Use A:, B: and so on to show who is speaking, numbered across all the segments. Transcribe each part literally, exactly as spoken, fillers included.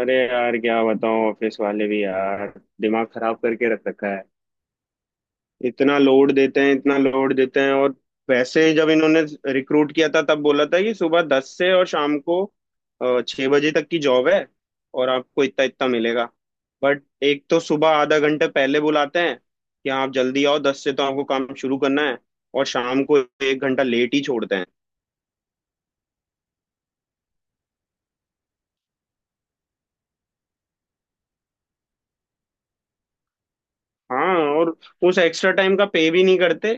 A: अरे यार क्या बताऊं, ऑफिस वाले भी यार दिमाग खराब करके रख रखा है। इतना लोड देते हैं इतना लोड देते हैं। और वैसे जब इन्होंने रिक्रूट किया था तब बोला था कि सुबह दस से और शाम को अ, छह बजे तक की जॉब है, और आपको इतना इतना मिलेगा। बट एक तो सुबह आधा घंटे पहले बुलाते हैं कि आप जल्दी आओ, दस से तो आपको काम शुरू करना है, और शाम को एक घंटा लेट ही छोड़ते हैं। हाँ। और उस एक्स्ट्रा टाइम का पे भी नहीं करते।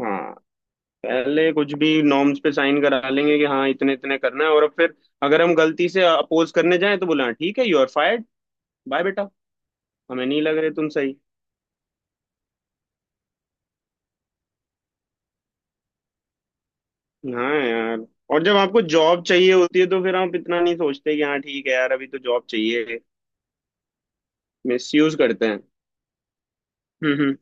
A: हाँ। पहले कुछ भी नॉर्म्स पे साइन करा लेंगे कि हाँ इतने इतने करना है, और अब फिर अगर हम गलती से अपोज करने जाएं तो बोला ठीक है, यू आर फायर्ड, बाय बेटा। हमें नहीं लग रहे तुम सही। हाँ यार। और जब आपको जॉब चाहिए होती है तो फिर आप इतना नहीं सोचते, कि हाँ ठीक है यार अभी तो जॉब चाहिए। मिस यूज करते हैं। हम्म, हम्म।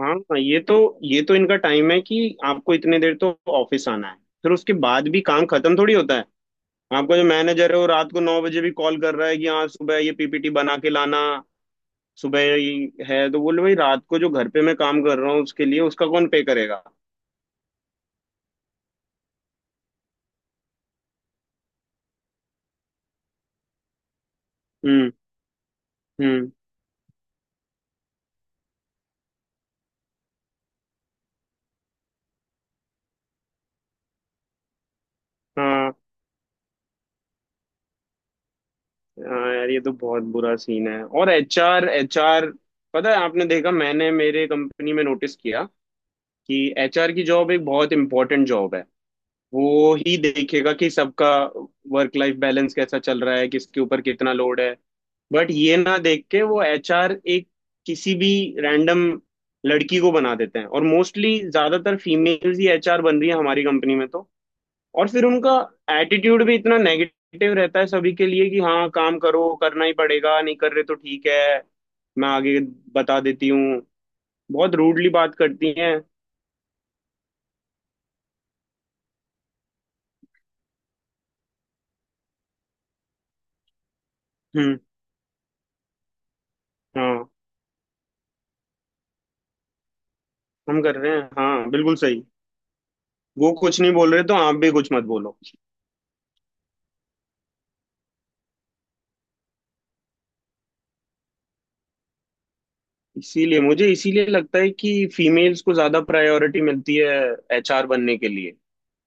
A: हाँ ये तो, ये तो इनका टाइम है कि आपको इतने देर तो ऑफिस आना है, फिर उसके बाद भी काम खत्म थोड़ी होता है। आपका जो मैनेजर है वो रात को नौ बजे भी कॉल कर रहा है कि हाँ सुबह ये पीपीटी बना के लाना, सुबह ही है तो बोले भाई रात को जो घर पे मैं काम कर रहा हूँ उसके लिए उसका कौन पे करेगा। हम्म। हम्म। हाँ। हाँ यार, ये तो बहुत बुरा सीन है। और एचआर, एचआर पता है, आपने देखा, मैंने मेरे कंपनी में नोटिस किया कि एचआर की जॉब एक बहुत इंपॉर्टेंट जॉब है। वो ही देखेगा कि सबका वर्क लाइफ बैलेंस कैसा चल रहा है, किसके ऊपर कितना लोड है। बट ये ना देख के, वो एचआर एक किसी भी रैंडम लड़की को बना देते हैं, और मोस्टली ज्यादातर फीमेल्स ही एचआर बन रही है हमारी कंपनी में तो। और फिर उनका एटीट्यूड भी इतना नेगेटिव रहता है सभी के लिए कि हाँ काम करो, करना ही पड़ेगा, नहीं कर रहे तो ठीक है मैं आगे बता देती हूँ। बहुत रूडली बात करती हैं। हम्म। हाँ हम कर रहे हैं, हाँ बिल्कुल सही। वो कुछ नहीं बोल रहे तो आप भी कुछ मत बोलो। इसीलिए मुझे, इसीलिए लगता है कि फीमेल्स को ज्यादा प्रायोरिटी मिलती है एचआर बनने के लिए,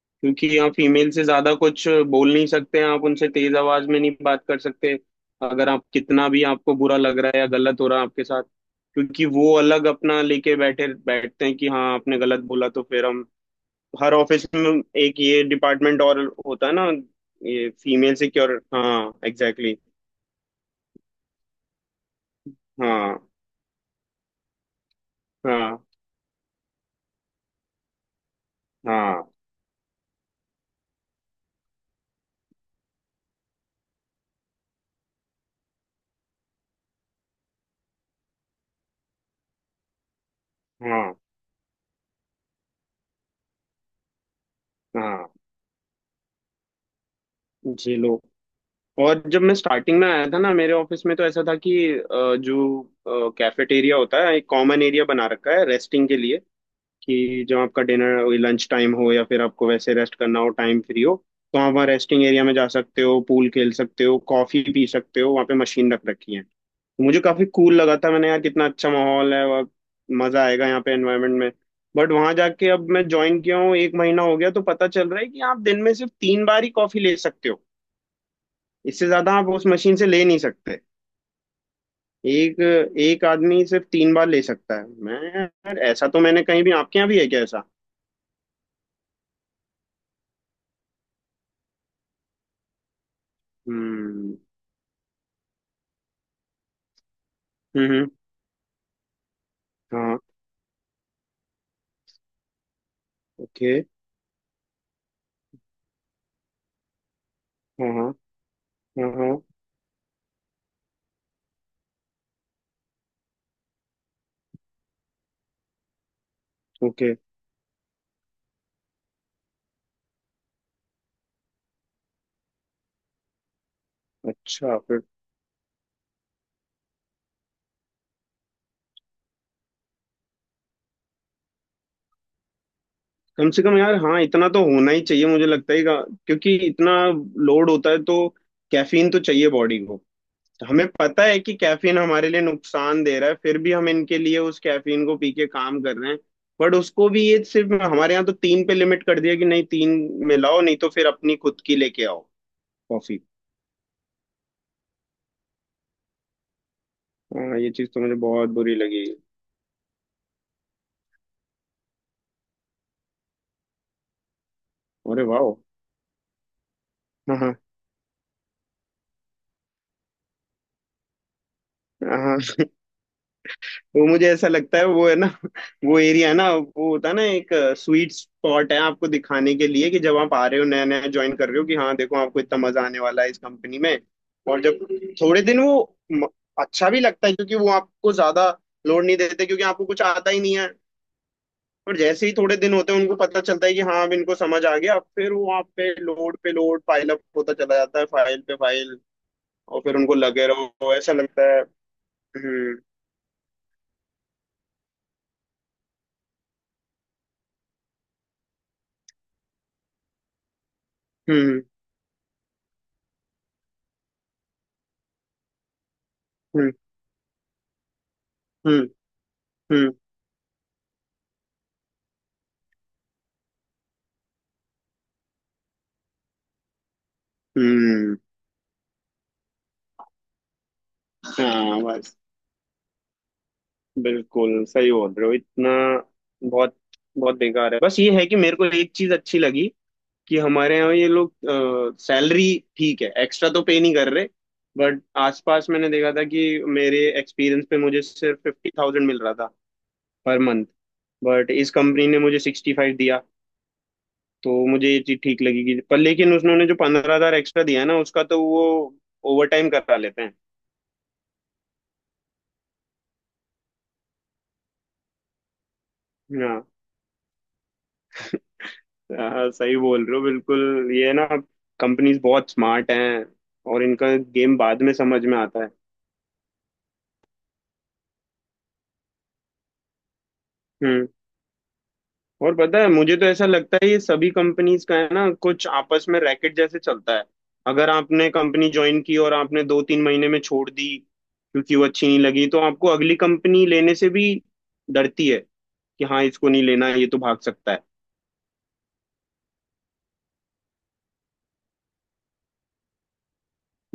A: क्योंकि यहाँ फीमेल से ज्यादा कुछ बोल नहीं सकते हैं आप, उनसे तेज आवाज में नहीं बात कर सकते। अगर आप, कितना भी आपको बुरा लग रहा है या गलत हो रहा है आपके साथ, क्योंकि वो अलग अपना लेके बैठे बैठते हैं कि हाँ आपने गलत बोला तो फिर हम। हर ऑफिस में एक ये डिपार्टमेंट और होता है ना, ये फीमेल सिक्योर। हाँ, एग्जैक्टली, exactly, हाँ। हाँ। हाँ। हाँ। हाँ। जी लो। और जब मैं स्टार्टिंग में आया था ना मेरे ऑफिस में तो ऐसा था कि, अ, जो कैफेटेरिया होता है, एक कॉमन एरिया बना रखा है रेस्टिंग के लिए, कि जब आपका डिनर लंच टाइम हो या फिर आपको वैसे रेस्ट करना हो, टाइम फ्री हो, तो आप वहाँ रेस्टिंग एरिया में जा सकते हो, पूल खेल सकते हो, कॉफी पी सकते हो, वहाँ पे मशीन रख रखी है। तो मुझे काफी कूल लगा था, मैंने यार कितना अच्छा माहौल है और मजा आएगा यहाँ पे एनवायरनमेंट में। बट वहां जाके अब मैं ज्वाइन किया हूँ, एक महीना हो गया, तो पता चल रहा है कि आप दिन में सिर्फ तीन बार ही कॉफी ले सकते हो। इससे ज्यादा आप उस मशीन से ले नहीं सकते। एक, एक आदमी सिर्फ तीन बार ले सकता है। मैं यार, ऐसा तो मैंने कहीं भी, आपके यहाँ भी है क्या ऐसा? हम्म, हम्म, हम्म, हाँ, ओके, हाँ, हाँ, हाँ, हाँ, ओके, अच्छा, फिर। कम से कम यार, हाँ इतना तो होना ही चाहिए, मुझे लगता है का- क्योंकि इतना लोड होता है तो कैफीन तो चाहिए बॉडी को। तो हमें पता है कि कैफीन हमारे लिए नुकसान दे रहा है, फिर भी हम इनके लिए उस कैफीन को पी के काम कर रहे हैं। बट उसको भी ये सिर्फ हमारे यहाँ तो तीन पे लिमिट कर दिया, कि नहीं तीन में लाओ, नहीं तो फिर अपनी खुद की लेके आओ, कॉफी। हाँ ये चीज तो मुझे बहुत बुरी लगी। अरे वाह। हाँ। हाँ। हाँ। वो मुझे ऐसा लगता है, वो है ना वो एरिया है ना, वो होता है ना एक स्वीट स्पॉट है आपको दिखाने के लिए, कि जब आप आ रहे हो नया नया ज्वाइन कर रहे हो, कि हाँ देखो आपको इतना मजा आने वाला है इस कंपनी में। और जब थोड़े दिन वो म- अच्छा भी लगता है, क्योंकि वो आपको ज्यादा लोड नहीं देते, क्योंकि आपको कुछ आता ही नहीं है। और जैसे ही थोड़े दिन होते हैं उनको पता चलता है कि हाँ अब इनको समझ आ गया, फिर वो आप पे लोड पे लोड, फाइल अप होता चला जाता है, फाइल पे फाइल। और फिर उनको लगे रहो ऐसा लगता है। हम्म, हम्म, हम्म, हम्म, हम्म, हम्म। हाँ, बस। बिल्कुल सही बोल रहे हो, इतना बहुत बहुत बेकार है। बस ये है कि मेरे को एक चीज अच्छी लगी, कि हमारे यहाँ ये लोग सैलरी, ठीक है एक्स्ट्रा तो पे नहीं कर रहे, बट आसपास मैंने देखा था कि मेरे एक्सपीरियंस पे मुझे सिर्फ फिफ्टी थाउजेंड मिल रहा था पर मंथ। बट इस कंपनी ने मुझे सिक्सटी फाइव दिया। तो मुझे ये चीज ठीक लगी, कि पर लेकिन उन्होंने जो पंद्रह हजार एक्स्ट्रा दिया है ना, उसका तो वो ओवर टाइम करा लेते हैं। हाँ। हाँ, सही बोल रहे हो बिल्कुल, ये ना कंपनीज बहुत स्मार्ट हैं और इनका गेम बाद में समझ में आता है। हम्म। और पता है, मुझे तो ऐसा लगता है ये सभी कंपनीज का है ना, कुछ आपस में रैकेट जैसे चलता है, अगर आपने कंपनी ज्वाइन की और आपने दो तीन महीने में छोड़ दी क्योंकि वो अच्छी नहीं लगी तो आपको अगली कंपनी लेने से भी डरती है, कि हाँ इसको नहीं लेना, ये तो भाग सकता है।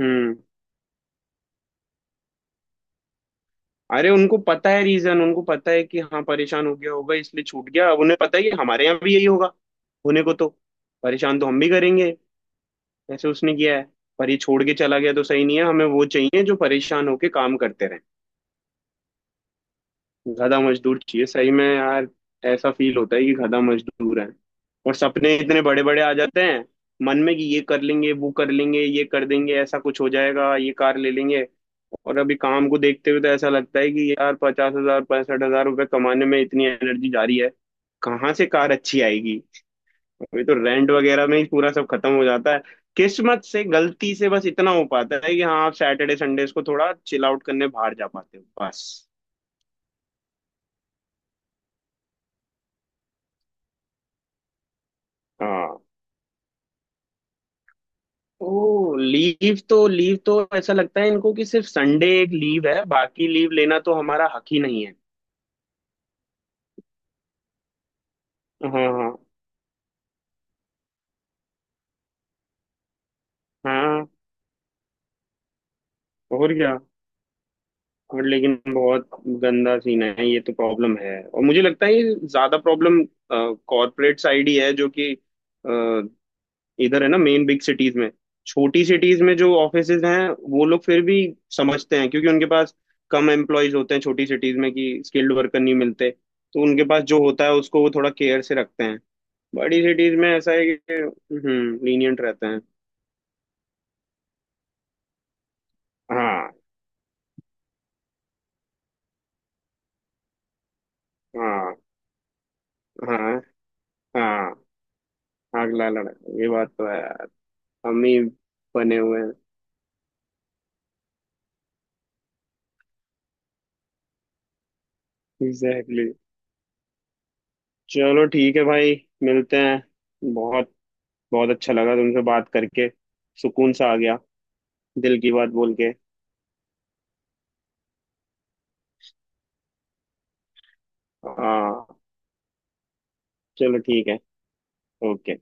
A: हम्म। अरे उनको पता है रीजन, उनको पता है कि हाँ परेशान हो गया होगा इसलिए छूट गया, अब उन्हें पता है कि हमारे यहाँ भी यही होगा, होने को तो परेशान तो हम भी करेंगे, ऐसे उसने किया है, पर ये छोड़ के चला गया तो सही नहीं है, हमें वो चाहिए जो परेशान होके काम करते रहे। गधा मजदूर चाहिए सही में यार, ऐसा फील होता है कि गधा मजदूर है। और सपने इतने बड़े बड़े आ जाते हैं मन में, कि ये कर लेंगे वो कर लेंगे ये कर देंगे, ऐसा कुछ हो जाएगा, ये कार ले लेंगे। और अभी काम को देखते हुए तो ऐसा लगता है कि यार पचास हजार, पैंसठ हजार रुपये कमाने में इतनी एनर्जी जा रही है, कहाँ से कार अच्छी आएगी। अभी तो रेंट वगैरह में ही पूरा सब खत्म हो जाता है। किस्मत से, गलती से, बस इतना हो पाता है कि हाँ आप सैटरडे संडेज को थोड़ा चिल आउट करने बाहर जा पाते हो, बस। हाँ। ओ लीव तो, लीव तो ऐसा लगता है इनको कि सिर्फ संडे एक लीव है, बाकी लीव लेना तो हमारा हक ही नहीं है। हाँ, हाँ, हाँ। और क्या। और लेकिन बहुत गंदा सीन है, ये तो प्रॉब्लम है, और मुझे लगता है ये ज्यादा प्रॉब्लम कॉरपोरेट साइड ही है, जो कि अ, इधर है ना मेन बिग सिटीज में। छोटी सिटीज में जो ऑफिसेज हैं, वो लोग फिर भी समझते हैं, क्योंकि उनके पास कम एम्प्लॉयज होते हैं छोटी सिटीज में, कि स्किल्ड वर्कर नहीं मिलते, तो उनके पास जो होता है उसको वो थोड़ा केयर से रखते हैं। बड़ी सिटीज में ऐसा है कि, हम्म, लीनियंट रहते हैं। हाँ। हाँ। हाँ। हाँ। अगला लड़का, ये बात तो है यार, हम ही बने हुए हैं। Exactly, exactly. चलो ठीक है भाई, मिलते हैं, बहुत बहुत अच्छा लगा तुमसे बात करके, सुकून सा आ गया दिल की बात बोल के। हाँ, चलो ठीक है, ओके।